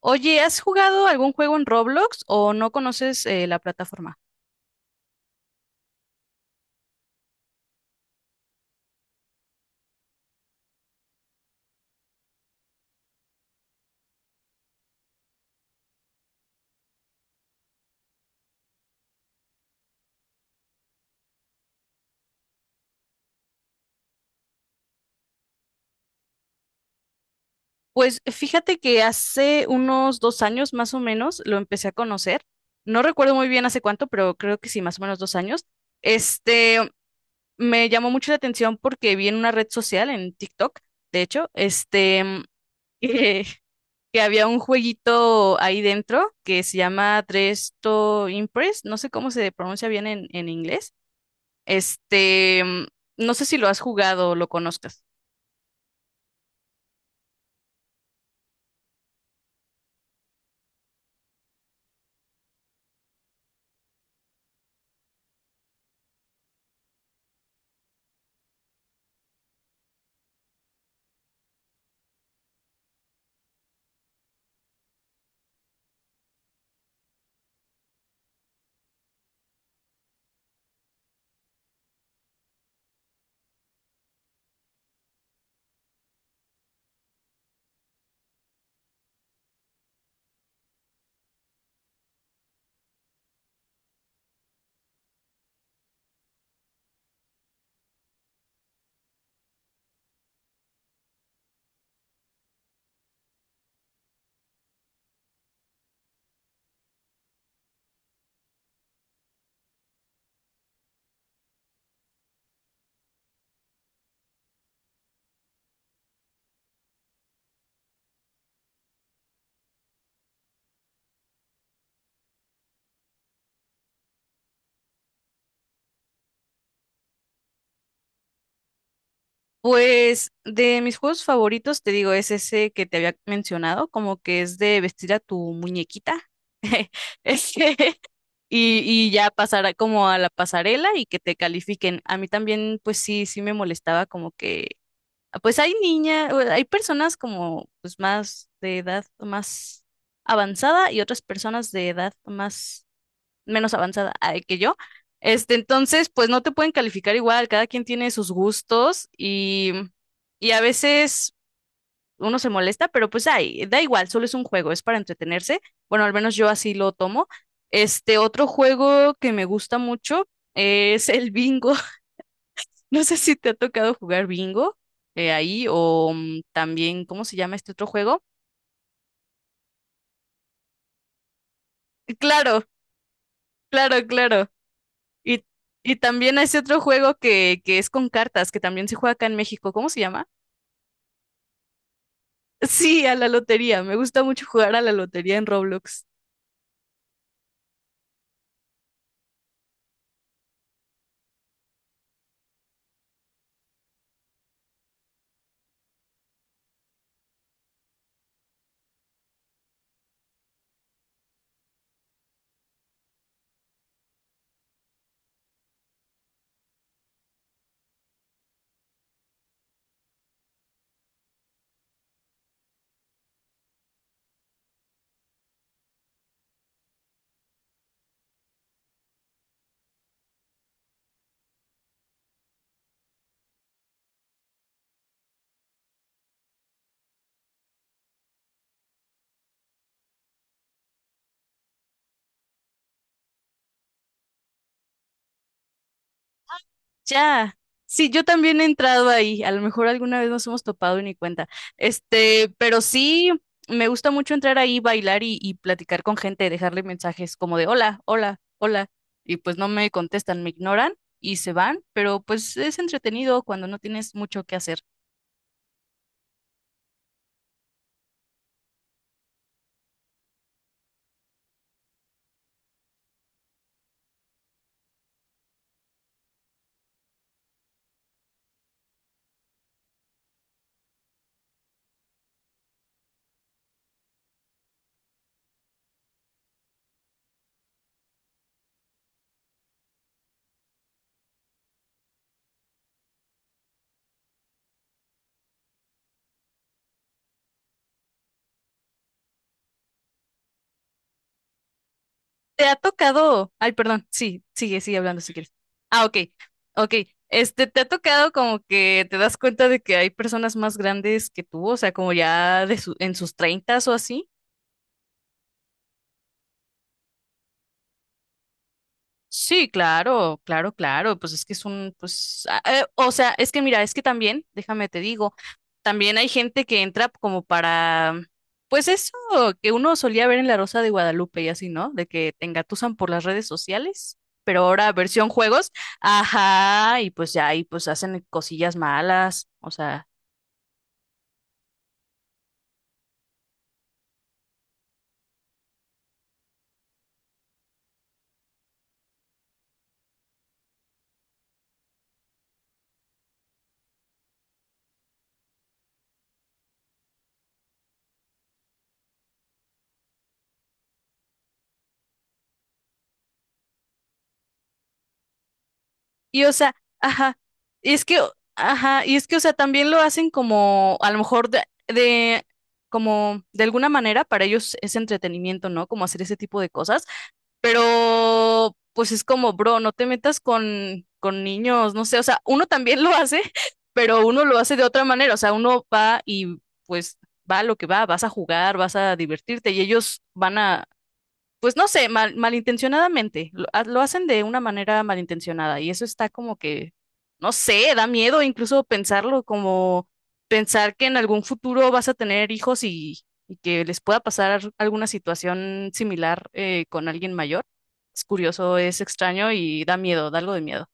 Oye, ¿has jugado algún juego en Roblox o no conoces la plataforma? Pues fíjate que hace unos 2 años más o menos lo empecé a conocer. No recuerdo muy bien hace cuánto, pero creo que sí, más o menos 2 años. Este, Me llamó mucho la atención porque vi en una red social, en TikTok, de hecho, que, que había un jueguito ahí dentro que se llama Dresto Impress. No sé cómo se pronuncia bien en inglés. Este, mm, no sé si lo has jugado o lo conozcas. Pues de mis juegos favoritos, te digo, es ese que te había mencionado, como que es de vestir a tu muñequita, ese, y ya como a la pasarela y que te califiquen. A mí también, pues sí, sí me molestaba ah, pues hay niñas, hay personas como pues más de edad más avanzada y otras personas de edad más menos avanzada ay, que yo. Entonces, pues no te pueden calificar igual, cada quien tiene sus gustos y a veces uno se molesta, pero pues ay, da igual, solo es un juego, es para entretenerse. Bueno, al menos yo así lo tomo. Otro juego que me gusta mucho es el bingo. No sé si te ha tocado jugar bingo ahí o también, ¿cómo se llama este otro juego? Claro, claro, claro. Y, y también hay ese otro juego que es con cartas, que también se juega acá en México. ¿Cómo se llama? Sí, a la lotería. Me gusta mucho jugar a la lotería en Roblox. Ya. Sí, yo también he entrado ahí. A lo mejor alguna vez nos hemos topado y ni cuenta. Pero sí, me gusta mucho entrar ahí, bailar y platicar con gente, dejarle mensajes como de hola, hola, hola. Y pues no me contestan, me ignoran y se van, pero pues es entretenido cuando no tienes mucho que hacer. ¿Te ha tocado? Ay, perdón, sí, sigue, sigue hablando si quieres. Ah, ok, ok. ¿Te ha tocado como que te das cuenta de que hay personas más grandes que tú, o sea, como ya en sus treintas o así? Sí, claro, claro, claro, pues es que es pues, o sea, es que mira, es que también, déjame te digo, también hay gente que entra pues eso que uno solía ver en La Rosa de Guadalupe y así, ¿no? De que te engatusan por las redes sociales, pero ahora versión juegos, ajá, y pues ya ahí pues hacen cosillas malas, o sea. Y o sea, ajá, y es que, ajá, y es que, o sea, también lo hacen como, a lo mejor como, de alguna manera para ellos es entretenimiento, ¿no? Como hacer ese tipo de cosas, pero pues es como, bro, no te metas con niños, no sé, o sea, uno también lo hace, pero uno lo hace de otra manera, o sea, uno va y pues va a lo que va, vas a jugar, vas a divertirte y ellos van a pues no sé, malintencionadamente, lo hacen de una manera malintencionada y eso está como que, no sé, da miedo incluso pensarlo, como pensar que en algún futuro vas a tener hijos y que les pueda pasar alguna situación similar con alguien mayor. Es curioso, es extraño y da miedo, da algo de miedo.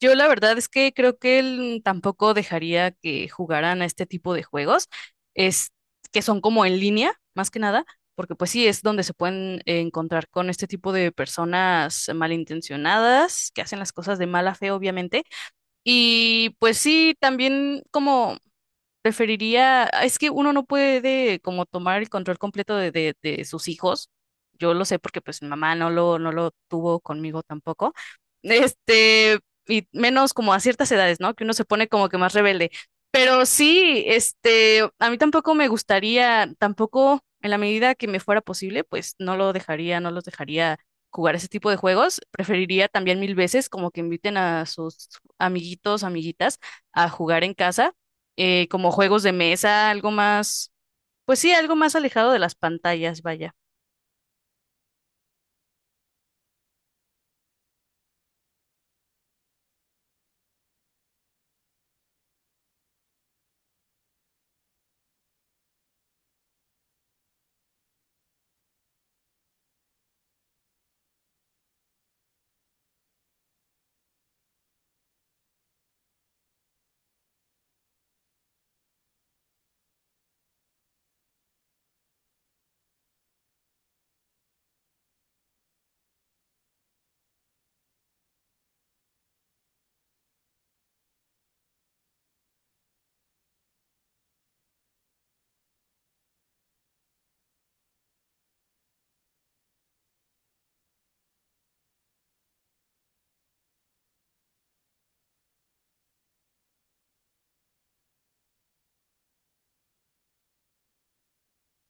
Yo la verdad es que creo que él tampoco dejaría que jugaran a este tipo de juegos, es que son como en línea, más que nada, porque pues sí es donde se pueden encontrar con este tipo de personas malintencionadas, que hacen las cosas de mala fe, obviamente. Y pues sí, también como preferiría, ah, es que uno no puede como tomar el control completo de sus hijos. Yo lo sé porque pues mi mamá no lo tuvo conmigo tampoco. Este, y menos como a ciertas edades, ¿no? Que uno se pone como que más rebelde. Pero sí, a mí tampoco me gustaría, tampoco en la medida que me fuera posible, pues no los dejaría jugar ese tipo de juegos. Preferiría también mil veces como que inviten a sus amiguitos, amiguitas a jugar en casa como juegos de mesa, algo más, pues sí, algo más alejado de las pantallas, vaya.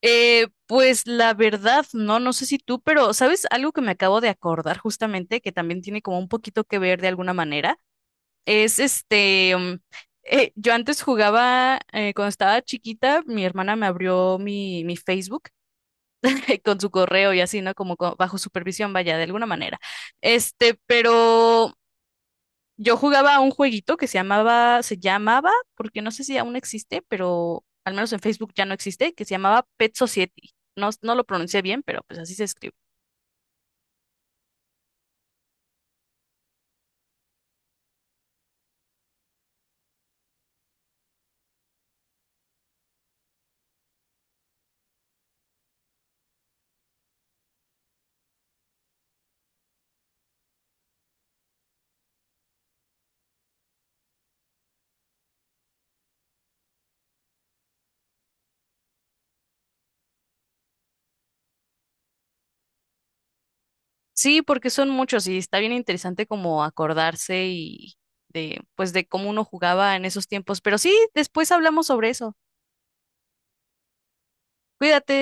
Pues la verdad, no, no sé si tú, pero ¿sabes algo que me acabo de acordar justamente, que también tiene como un poquito que ver de alguna manera? Es yo antes jugaba, cuando estaba chiquita, mi hermana me abrió mi Facebook con su correo y así, ¿no? Bajo supervisión, vaya, de alguna manera. Este, pero yo jugaba a un jueguito que se llamaba, porque no sé si aún existe, pero al menos en Facebook ya no existe, que se llamaba Pet Society. No, no lo pronuncié bien, pero pues así se escribe. Sí, porque son muchos y está bien interesante como acordarse y de, pues de cómo uno jugaba en esos tiempos. Pero sí, después hablamos sobre eso. Cuídate.